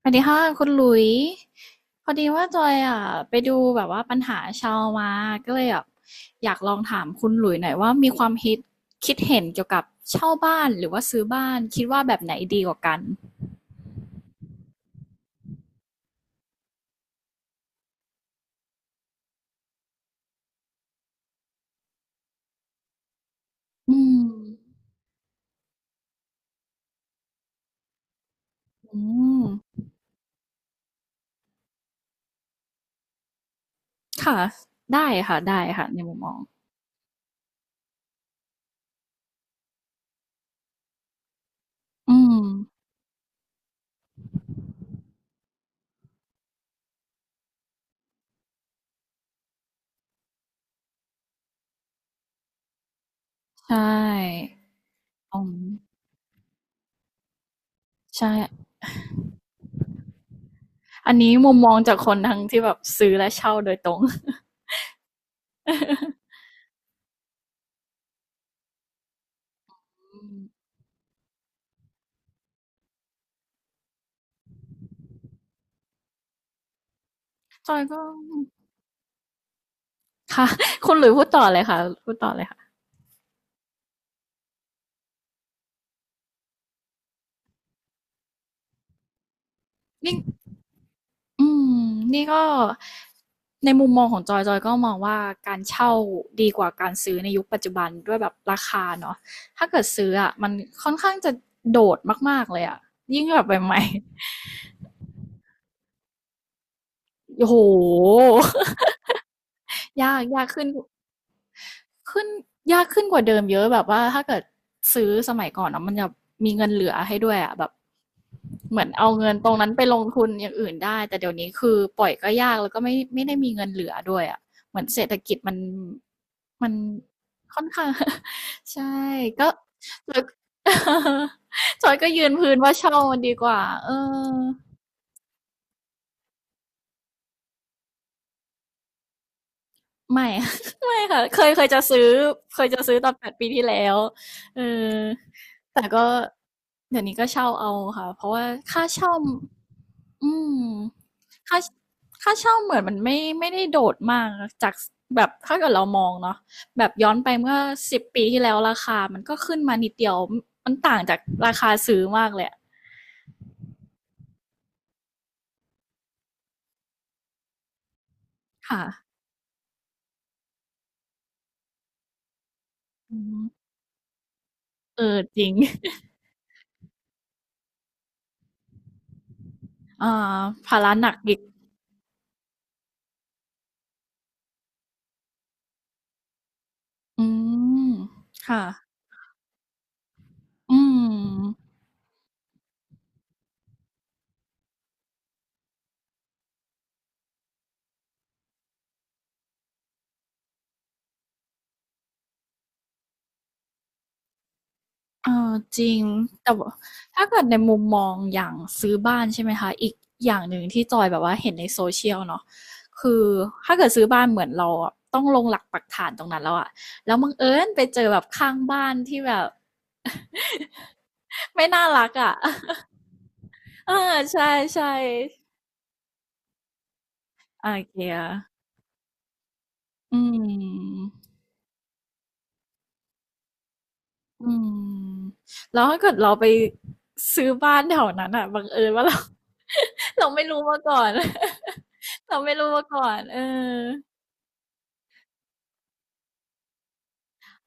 สวัสดีค่ะคุณหลุยพอดีว่าจอยอ่ะไปดูแบบว่าปัญหาชาวมาก็เลยแบบอยากลองถามคุณหลุยหน่อยว่ามีความคิดเห็นเกี่ยวกับเช่าบ้านหรือว่าซื้อบ้านคิดว่าแบบไหนดีกว่ากันอืมอืมค่ะได้ค่ะได้ค่ะในมุมมองอืมใช่อืมใช่อันนี้มุมมองจากคนทั้งที่แบบซื้อและเช่าโดยตรง อืมจอยก็ค่ะคุณหลุยพูดต่อเลยค่ะพูดต่อเลยค่ะ นี่อืมนี่ก็ในมุมมองของจอยก็มองว่าการเช่าดีกว่าการซื้อในยุคปัจจุบันด้วยแบบราคาเนาะถ้าเกิดซื้ออ่ะมันค่อนข้างจะโดดมากๆเลยอ่ะยิ่งแบบใหม่ๆโอ้โห ยากขึ้นยากขึ้นกว่าเดิมเยอะแบบว่าถ้าเกิดซื้อสมัยก่อนเนาะมันจะมีเงินเหลือให้ด้วยอะแบบเหมือนเอาเงินตรงนั้นไปลงทุนอย่างอื่นได้แต่เดี๋ยวนี้คือปล่อยก็ยากแล้วก็ไม่ได้มีเงินเหลือด้วยอะเหมือนเศรษฐกิจมัน ค่อนข้างใช่ก็แล้ว จอยก็ยืนพื้นว่าเช่ามันดีกว่าเออ ไม่ ไม่ค่ะเคยจะซื้อเคยจะซื้อตอน8ปดปีที่แล้วเออแต่ก็เดี๋ยวนี้ก็เช่าเอาค่ะเพราะว่าค่าเช่าอืมค่าค่าเช่าเหมือนมันไม่ได้โดดมากจากแบบถ้าเกิดเรามองเนาะแบบย้อนไปเมื่อ10 ปีที่แล้วราคามันก็ขึ้นมานิดเดียวมันต่างจากราคาซื้อมากเลยอะค่ะอืมเออจริง อ่าภาระหนักอีกอืมค่ะอืม เออจริงแต่ว่าถ้าเกิดในมุมมองอย่างซื้อบ้านใช่ไหมคะอีกอย่างหนึ่งที่จอยแบบว่าเห็นในโซเชียลเนาะคือถ้าเกิดซื้อบ้านเหมือนเราอะต้องลงหลักปักฐานตรงนั้นแล้วอะแล้วบังเอิญไปเจอแบบข้างบ้านที่แบบ ไม่น่ารักอะ เออใช่ๆอ่โอเก็ตอืม อืมแล้วถ้าเกิดเราไปซื้อบ้านแถวนั้นอ่ะบังเอิญว่าเรา เราไม่รู้มาก่อน เราไม่รู้มาก่อนเออ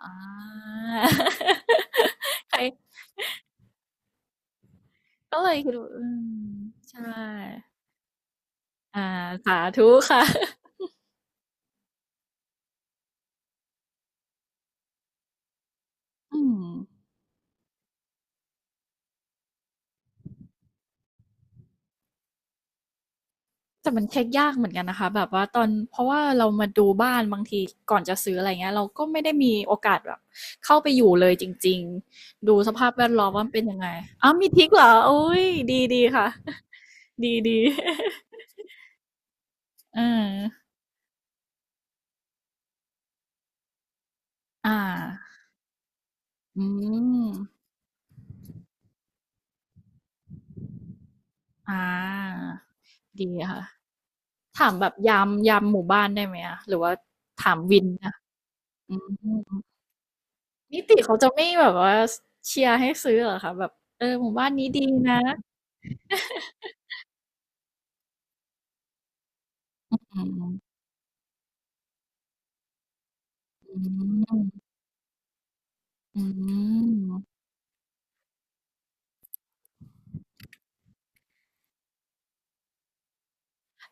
อ่า ใครก็เลยคิดว่าอืมใช่อ่าสาธุค่ะอืม แต่มันเช็กยากเหมือนกันนะคะแบบว่าตอนเพราะว่าเรามาดูบ้านบางทีก่อนจะซื้ออะไรเงี้ยเราก็ไม่ได้มีโอกาสแบบเข้าไปอยู่เลยจริงๆดูสภาพแวดล้อมว่ามันเป็นยังไงอ้าวมีทริกเหรออุ้ยดีดีค่ะ ดีดี เอออ่าอืมอ่าดีค่ะถามแบบยามยามหมู่บ้านได้ไหมอะหรือว่าถามวินนะอืมนิติเขาจะไม่แบบว่าสเชียร์ให้ซื้อเหรอคะแบบเออหมู่บ้านนี้ดีนะอืม อืม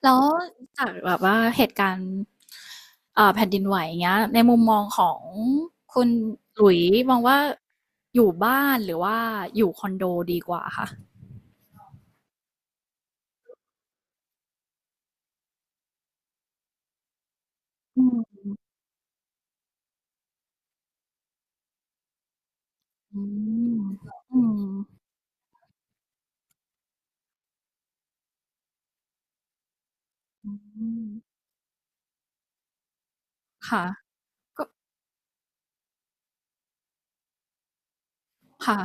แล้วจากแบบว่าเหตุการณ์แผ่นดินไหวอย่างเงี้ยในมุมมองของคุณหลุยส์มองว่าอยู่บ้านหรือว่าอยู่คอนโดดีกว่าคะอืมอืมอืมอืมค่ะก็ค่ะ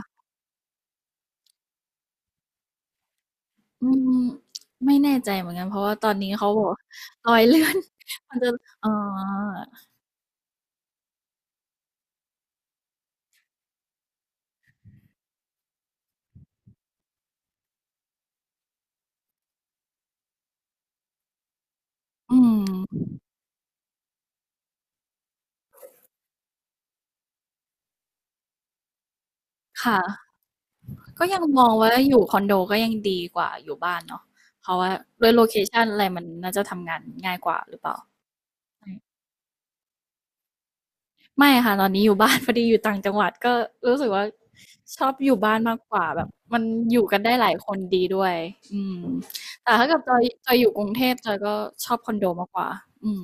อืมไม่แน่ใจเหมือนกันเพราะว่าตอนนี้เขาบอกรอยเลื่อนมันจะอ๋ออืมค่ะ ก็ยังมองว่าอยู่คอนโดก็ยังดีกว่าอยู่บ้านเนาะเพราะว่าด้วยโลเคชันอะไรมันน่าจะทำงานง่ายกว่าหรือเปล่าไม่ค่ะตอนนี้อยู่บ้าน พอดีอยู่ต่างจังหวัดก็รู้สึกว่าชอบอยู่บ้านมากกว่าแบบมันอยู่กันได้หลายคนดีด้วยอืมแต่ถ้าเกิดจอยอยู่กรุงเทพจอยก็ชอบคอนโดมากกว่าอืม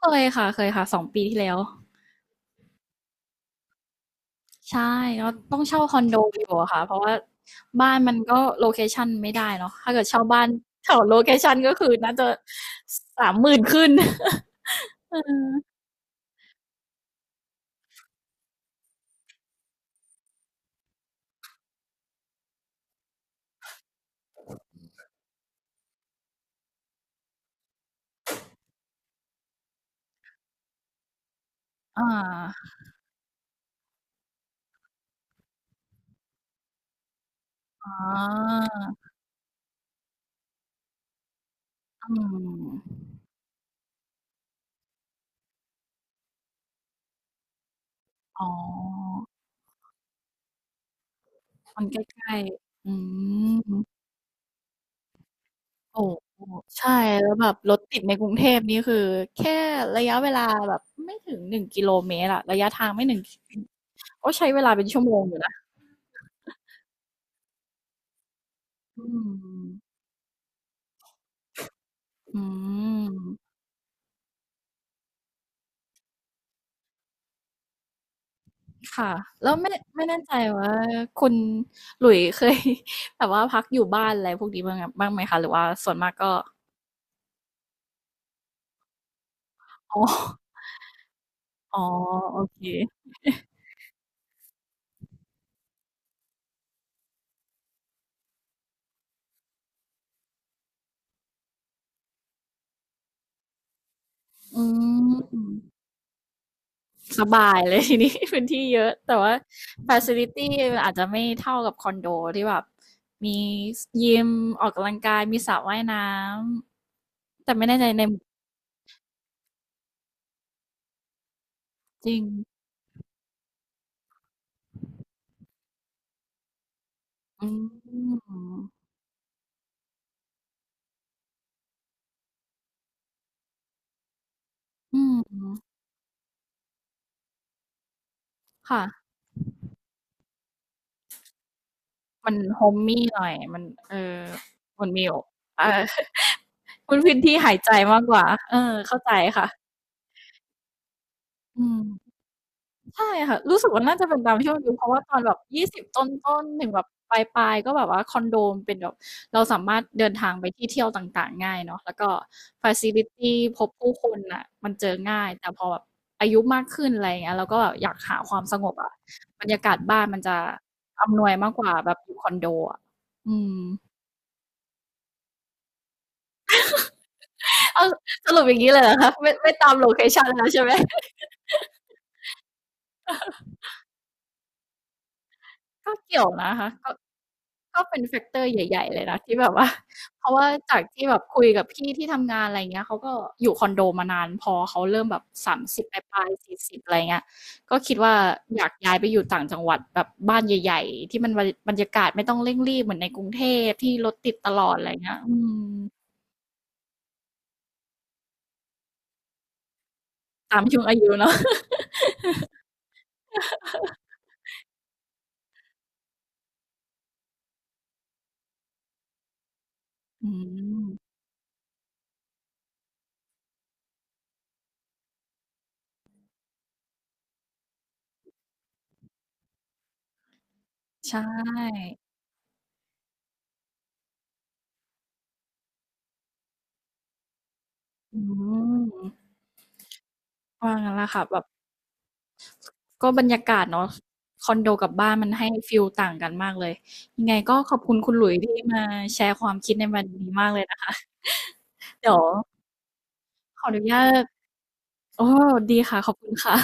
เคยค่ะเคยค่ะ2 ปีที่แล้ว ใช่เราต้องเช่าคอนโดอยู่อะค่ะเพราะว่าบ้านมันก็โลเคชันไม่ได้เนาะถ้าเกิดเช่าบ้านแถวโลเคชันก็คือน่าจะ30,000ขึ้น อาอ๋ออืมอ๋อมันใกล้ๆอืมโอ้ใช่แล้วแบบรถติดในกรุงเทพนี่คือแค่ระยะเวลาแบบไม่ถึง1กิโลเมตรอะระยะทางไม่1ก็ใช้เวลาเป็นชั่วโมงอยู่นะอืมอืม ค่ะแล้วไม่แน่ใจว่าคุณหลุยส์เคย แบบว่าพักอยู่บ้านอะไรพวกนี้บ้างอะบ้างไหมคะหรือว่าส่วนมากก็อ๋อ อ๋อโอเคอืมสบายเลยทีนี้ พื้นที่เยอะแต่ว่าฟัซิลิตี้อาจจะไม่เท่ากับคอนโดที่แบบมียิมออกกำลังกายมีสระว่ายน้ำแต่ไม่แน่ใจในจริงอืมอืมค่ะ มัน h o m e ่หน่อยมันเออมันมีอ่อพื้นที่หายใจมากกว่าเออเข้าใจค่ะอืมใช่ค่ะรู้สึกว่าน่าจะเป็นตามที่มันดูเพราะว่าตอนแบบ20ต้นๆถึงแบบปลายๆก็แบบว่าคอนโดมันเป็นแบบเราสามารถเดินทางไปที่เที่ยวต่างๆง่ายเนาะแล้วก็ฟัซิลิตีพบผู้คนน่ะมันเจอง่ายแต่พอแบบอายุมากขึ้นอะไรอย่างเงี้ยเราก็แบบอยากหาความสงบอะบรรยากาศบ้านมันจะอำนวยมากกว่าแบบอยู่คอนโดอะอืม เอาสรุปอย่างนี้เลยเหรอคะไม่ไม่ตามโลเคชันแล้วใช่ไหมก็เกี่ยวนะคะก็ก็เป็นแฟกเตอร์ใหญ่ๆเลยนะที่แบบว่าเพราะว่าจากที่แบบคุยกับพี่ที่ทำงานอะไรเงี้ยเขาก็อยู่คอนโดมานานพอเขาเริ่มแบบ30ปลายๆิบอะไรเงี้ยก็คิดว่าอยากย้ายไปอยู่ต่างจังหวัดแบบบ้านใหญ่ๆที่มันบรรยากาศไม่ต้องเร่งรีบเหมือนในกรุงเทพที่รถติดตลอดอะไรเงี้ยอืมตามช่วงอายุเนาะ อืมใช่อืมว่างั้นแหละค่ะแบบ ก็บรรยากาศเนาะคอนโดกับบ้านมันให้ฟีลต่างกันมากเลยยังไงก็ขอบคุณคุณหลุยส์ที่มาแชร์ความคิดในวันนี้มากเลยนะคะเดี๋ยวขออนุญาตโอ้ดีค่ะขอบคุณค่ะ